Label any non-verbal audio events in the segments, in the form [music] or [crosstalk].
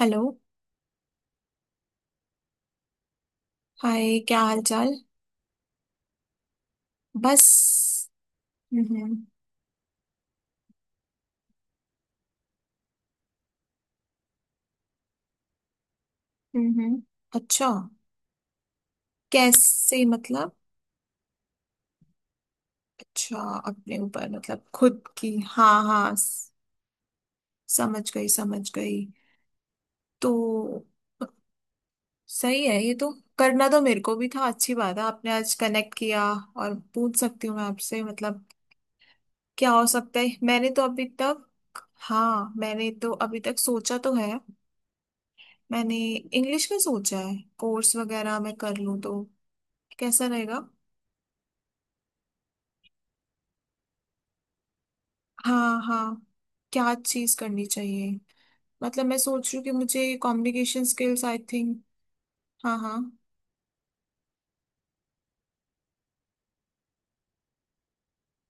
Hello. Hi, क्या हाल चाल। बस। हम्म। हम्म। अच्छा। कैसे मतलब। अच्छा। अपने ऊपर मतलब खुद की, हाँ हाँ समझ गई समझ गई। तो सही है ये तो। करना तो मेरे को भी था, अच्छी बात है आपने आज कनेक्ट किया। और पूछ सकती हूँ मैं आपसे मतलब क्या हो सकता है, मैंने तो अभी तक। हाँ, मैंने तो अभी तक सोचा तो है। मैंने इंग्लिश का सोचा है, कोर्स वगैरह मैं कर लूँ तो कैसा रहेगा। हाँ हाँ। क्या चीज करनी चाहिए। मतलब मैं सोच रही हूँ कि मुझे कम्युनिकेशन स्किल्स, आई थिंक। हाँ हाँ।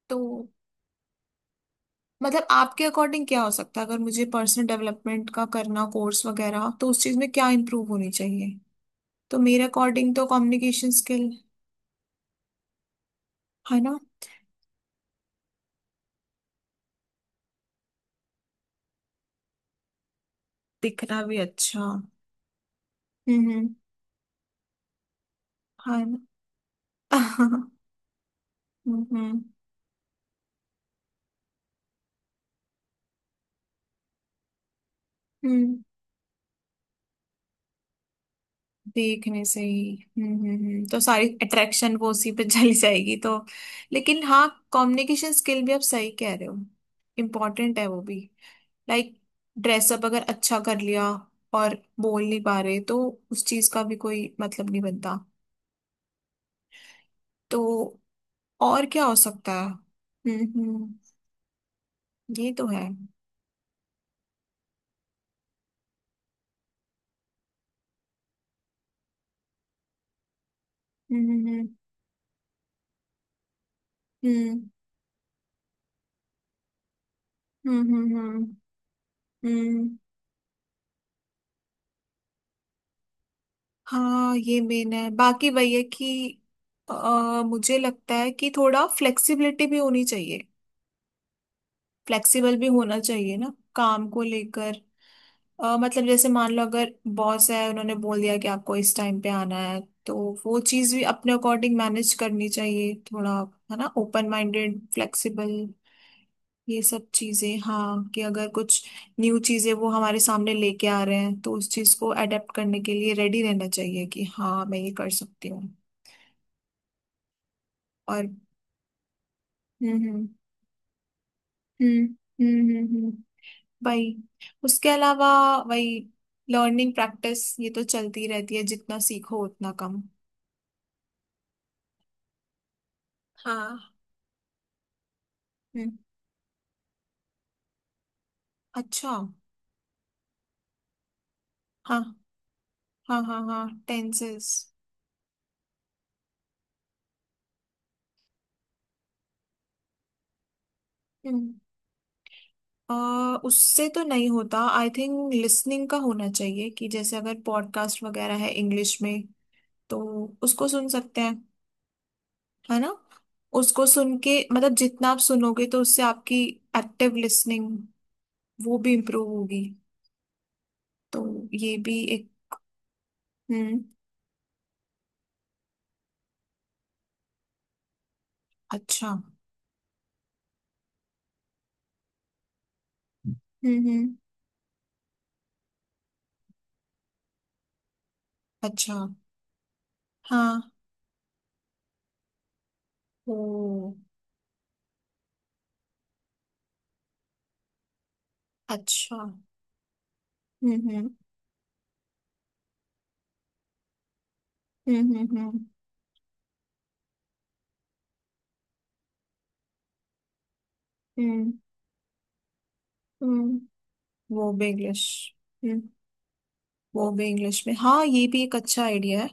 तो मतलब आपके अकॉर्डिंग क्या हो सकता है, अगर मुझे पर्सनल डेवलपमेंट का करना कोर्स वगैरह तो उस चीज में क्या इम्प्रूव होनी चाहिए। तो मेरे अकॉर्डिंग तो कम्युनिकेशन स्किल, है ना। दिखना भी अच्छा, हम्म। हाँ ना। [laughs] हम्म हम्म हम्म। देखने से ही, तो सारी अट्रैक्शन वो उसी पे [laughs] चली जाएगी तो। लेकिन हाँ, कम्युनिकेशन स्किल भी आप सही कह रहे हो। इम्पोर्टेंट है वो भी। लाइक, ड्रेसअप अगर अच्छा कर लिया और बोल नहीं पा रहे तो उस चीज का भी कोई मतलब नहीं बनता। तो और क्या हो सकता है। हम्म। ये तो है। हम्म हम्म हम्म हम्म हम्म हम्म हम्म, हम्म। हाँ ये मेन है, बाकी वही है कि मुझे लगता है कि थोड़ा फ्लेक्सिबिलिटी भी होनी चाहिए। फ्लेक्सिबल भी होना चाहिए ना काम को लेकर। मतलब जैसे मान लो अगर बॉस है, उन्होंने बोल दिया कि आपको इस टाइम पे आना है, तो वो चीज भी अपने अकॉर्डिंग मैनेज करनी चाहिए थोड़ा। है ना, ओपन माइंडेड, फ्लेक्सिबल। ये सब चीजें। हाँ, कि अगर कुछ न्यू चीजें वो हमारे सामने लेके आ रहे हैं तो उस चीज को अडेप्ट करने के लिए रेडी रहना चाहिए कि हाँ मैं ये कर सकती हूँ। और हम्म। हम्म। हम्म हम्म हम्म, वही। उसके अलावा वही, लर्निंग प्रैक्टिस, ये तो चलती रहती है, जितना सीखो उतना कम। हाँ। हम्म। अच्छा। हाँ हाँ हाँ हाँ, टेंसेस। हम्म। उससे तो नहीं होता, आई थिंक लिसनिंग का होना चाहिए। कि जैसे अगर पॉडकास्ट वगैरह है इंग्लिश में तो उसको सुन सकते हैं, है ना। उसको सुन के मतलब जितना आप सुनोगे तो उससे आपकी एक्टिव लिसनिंग, वो भी इम्प्रूव होगी। तो ये भी एक। हम्म। अच्छा। हम्म। अच्छा। हाँ। ओ। अच्छा हम्म। हम्म। हम्म। हम्म। हम्म, वो भी इंग्लिश। हम्म। वो भी इंग्लिश में, हाँ ये भी एक अच्छा आइडिया है।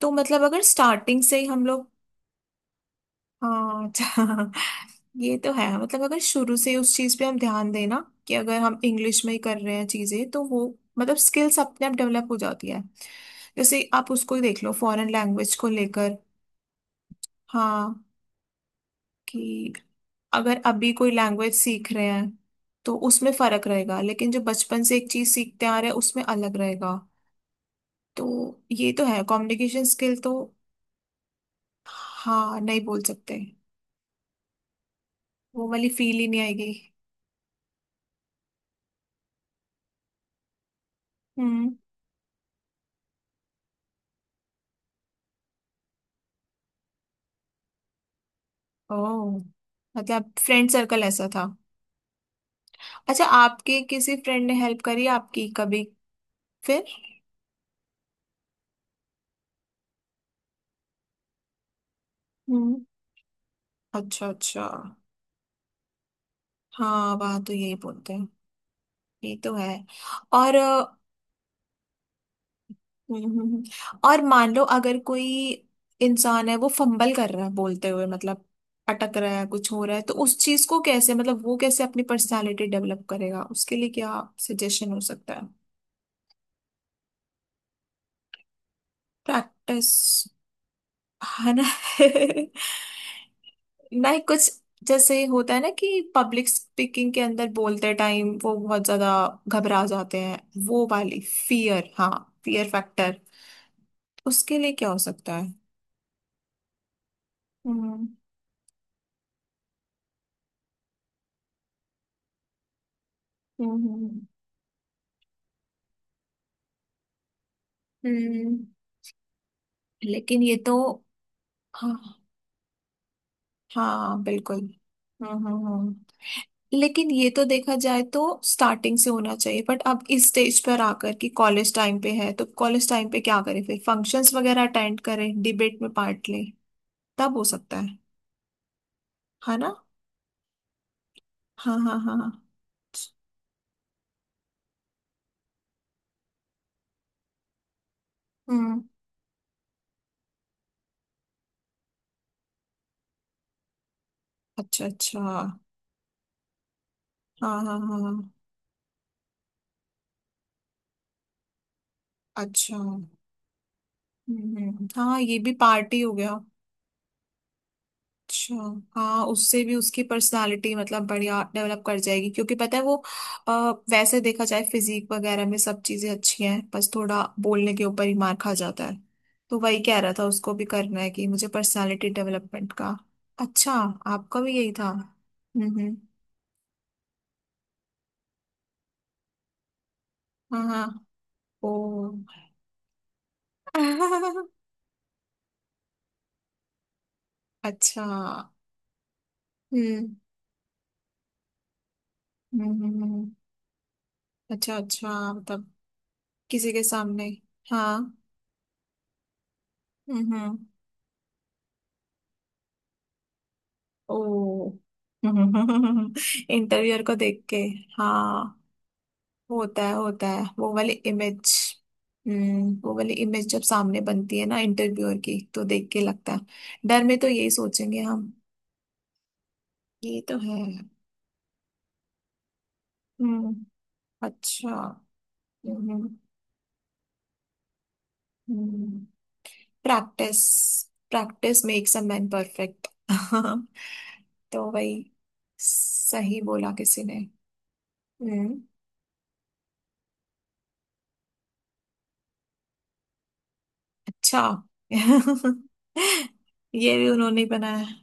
तो मतलब अगर स्टार्टिंग से ही हम लोग। हाँ [laughs] अच्छा। ये तो है मतलब अगर शुरू से ही उस चीज पे हम ध्यान देना कि अगर हम इंग्लिश में ही कर रहे हैं चीजें तो वो मतलब स्किल्स अपने आप डेवलप हो जाती है। जैसे आप उसको ही देख लो, फॉरेन लैंग्वेज को लेकर। हाँ, कि अगर अभी कोई लैंग्वेज सीख रहे हैं तो उसमें फर्क रहेगा, लेकिन जो बचपन से एक चीज सीखते आ रहे हैं उसमें अलग रहेगा। तो ये तो है, कम्युनिकेशन स्किल तो। हाँ नहीं बोल सकते, वो वाली फील ही नहीं आएगी। हम्म। ओह, मतलब फ्रेंड सर्कल ऐसा था। अच्छा, आपके किसी फ्रेंड ने हेल्प करी आपकी कभी। फिर। हम्म। अच्छा अच्छा। हाँ वहाँ तो यही बोलते हैं। ये तो है। और और मान लो अगर कोई इंसान है वो फंबल कर रहा है बोलते हुए मतलब अटक रहा है, कुछ हो रहा है, तो उस चीज को कैसे मतलब वो कैसे अपनी पर्सनालिटी डेवलप करेगा, उसके लिए क्या सजेशन हो सकता है। प्रैक्टिस, है ना। [laughs] ना कुछ। जैसे होता है ना कि पब्लिक स्पीकिंग के अंदर बोलते टाइम वो बहुत ज्यादा घबरा जाते हैं। वो वाली फियर, हाँ, फियर फैक्टर, उसके लिए क्या हो सकता है। हम्म हम्म हम्म, हम्म। लेकिन ये तो। हाँ हाँ बिल्कुल। हम्म हम्म हम्म। लेकिन ये तो देखा जाए तो स्टार्टिंग से होना चाहिए, बट अब इस स्टेज पर आकर कि कॉलेज टाइम पे है तो कॉलेज टाइम पे क्या करें, फिर फंक्शंस वगैरह अटेंड करें, डिबेट में पार्ट लें, तब हो सकता है ना। हाँ हाँ हाँ हाँ। हम्म। अच्छा अच्छा, हाँ। हाँ हाँ हाँ। अच्छा हम्म। हम्म। हाँ ये भी पार्टी हो गया। अच्छा। हाँ, उससे भी उसकी पर्सनालिटी मतलब बढ़िया डेवलप कर जाएगी। क्योंकि पता है वो अ, वैसे देखा जाए फिजिक वगैरह में सब चीजें अच्छी हैं, बस थोड़ा बोलने के ऊपर ही मार खा जाता है। तो वही कह रहा था, उसको भी करना है कि मुझे पर्सनालिटी डेवलपमेंट का। अच्छा। आपका भी यही था, हम्म। हाँ हाँ। ओ। [laughs] अच्छा हम्म। हम्म हम्म, हम्म। अच्छा अच्छा मतलब किसी के सामने। हाँ। हम्म। ओ। [laughs] इंटरव्यूअर को देख के, हाँ। होता है होता है, वो वाली इमेज। हम्म, वो वाली इमेज जब सामने बनती है ना इंटरव्यूअर की तो देख के लगता है। डर में तो यही सोचेंगे हम। ये तो है। हम्म। अच्छा। हम्म। Practice. Practice makes a man perfect. [laughs] तो वही, सही बोला किसी ने। हम्म। अच्छा। [laughs] ये भी उन्होंने ही बनाया है।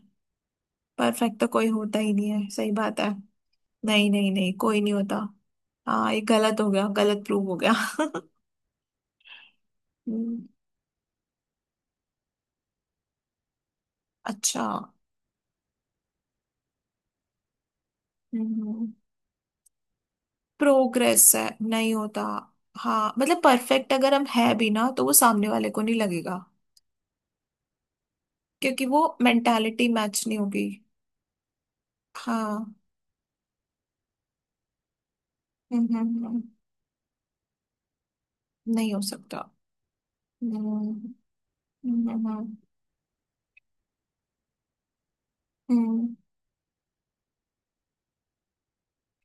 परफेक्ट तो कोई होता ही नहीं है, सही बात है। नहीं नहीं नहीं, कोई नहीं होता। हाँ ये गलत हो गया, गलत प्रूव हो गया। [laughs] हम्म, अच्छा। प्रोग्रेस है, नहीं होता। हाँ मतलब परफेक्ट अगर हम है भी ना तो वो सामने वाले को नहीं लगेगा, क्योंकि वो मेंटालिटी मैच नहीं होगी। हाँ। हम्म। नहीं हो सकता। हम्म। हम्म। हम्म,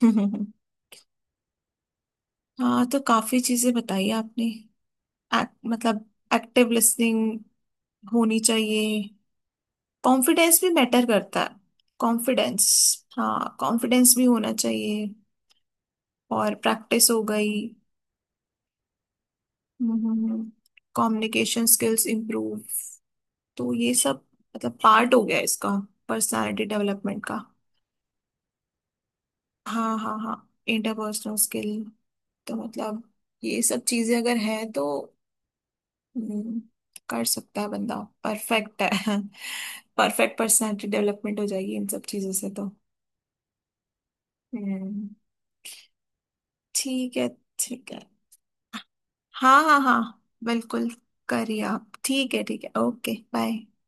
हम्म। [laughs] हाँ तो काफी चीजें बताई आपने। मतलब एक्टिव लिसनिंग होनी चाहिए। कॉन्फिडेंस भी मैटर करता है। कॉन्फिडेंस, हाँ कॉन्फिडेंस भी होना चाहिए। और प्रैक्टिस हो गई। Communication skills improve. तो ये सब मतलब पार्ट हो गया इसका, पर्सनालिटी डेवलपमेंट का। हाँ हाँ हाँ, इंटरपर्सनल स्किल। तो मतलब ये सब चीजें अगर हैं तो हम्म, कर सकता है बंदा। परफेक्ट है। [laughs] परफेक्ट पर्सनालिटी डेवलपमेंट हो जाएगी इन सब चीजों से तो। हम्म। ठीक है। ठीक है, हाँ हाँ हाँ, बिल्कुल। करिए आप, ठीक है ठीक है, ओके बाय।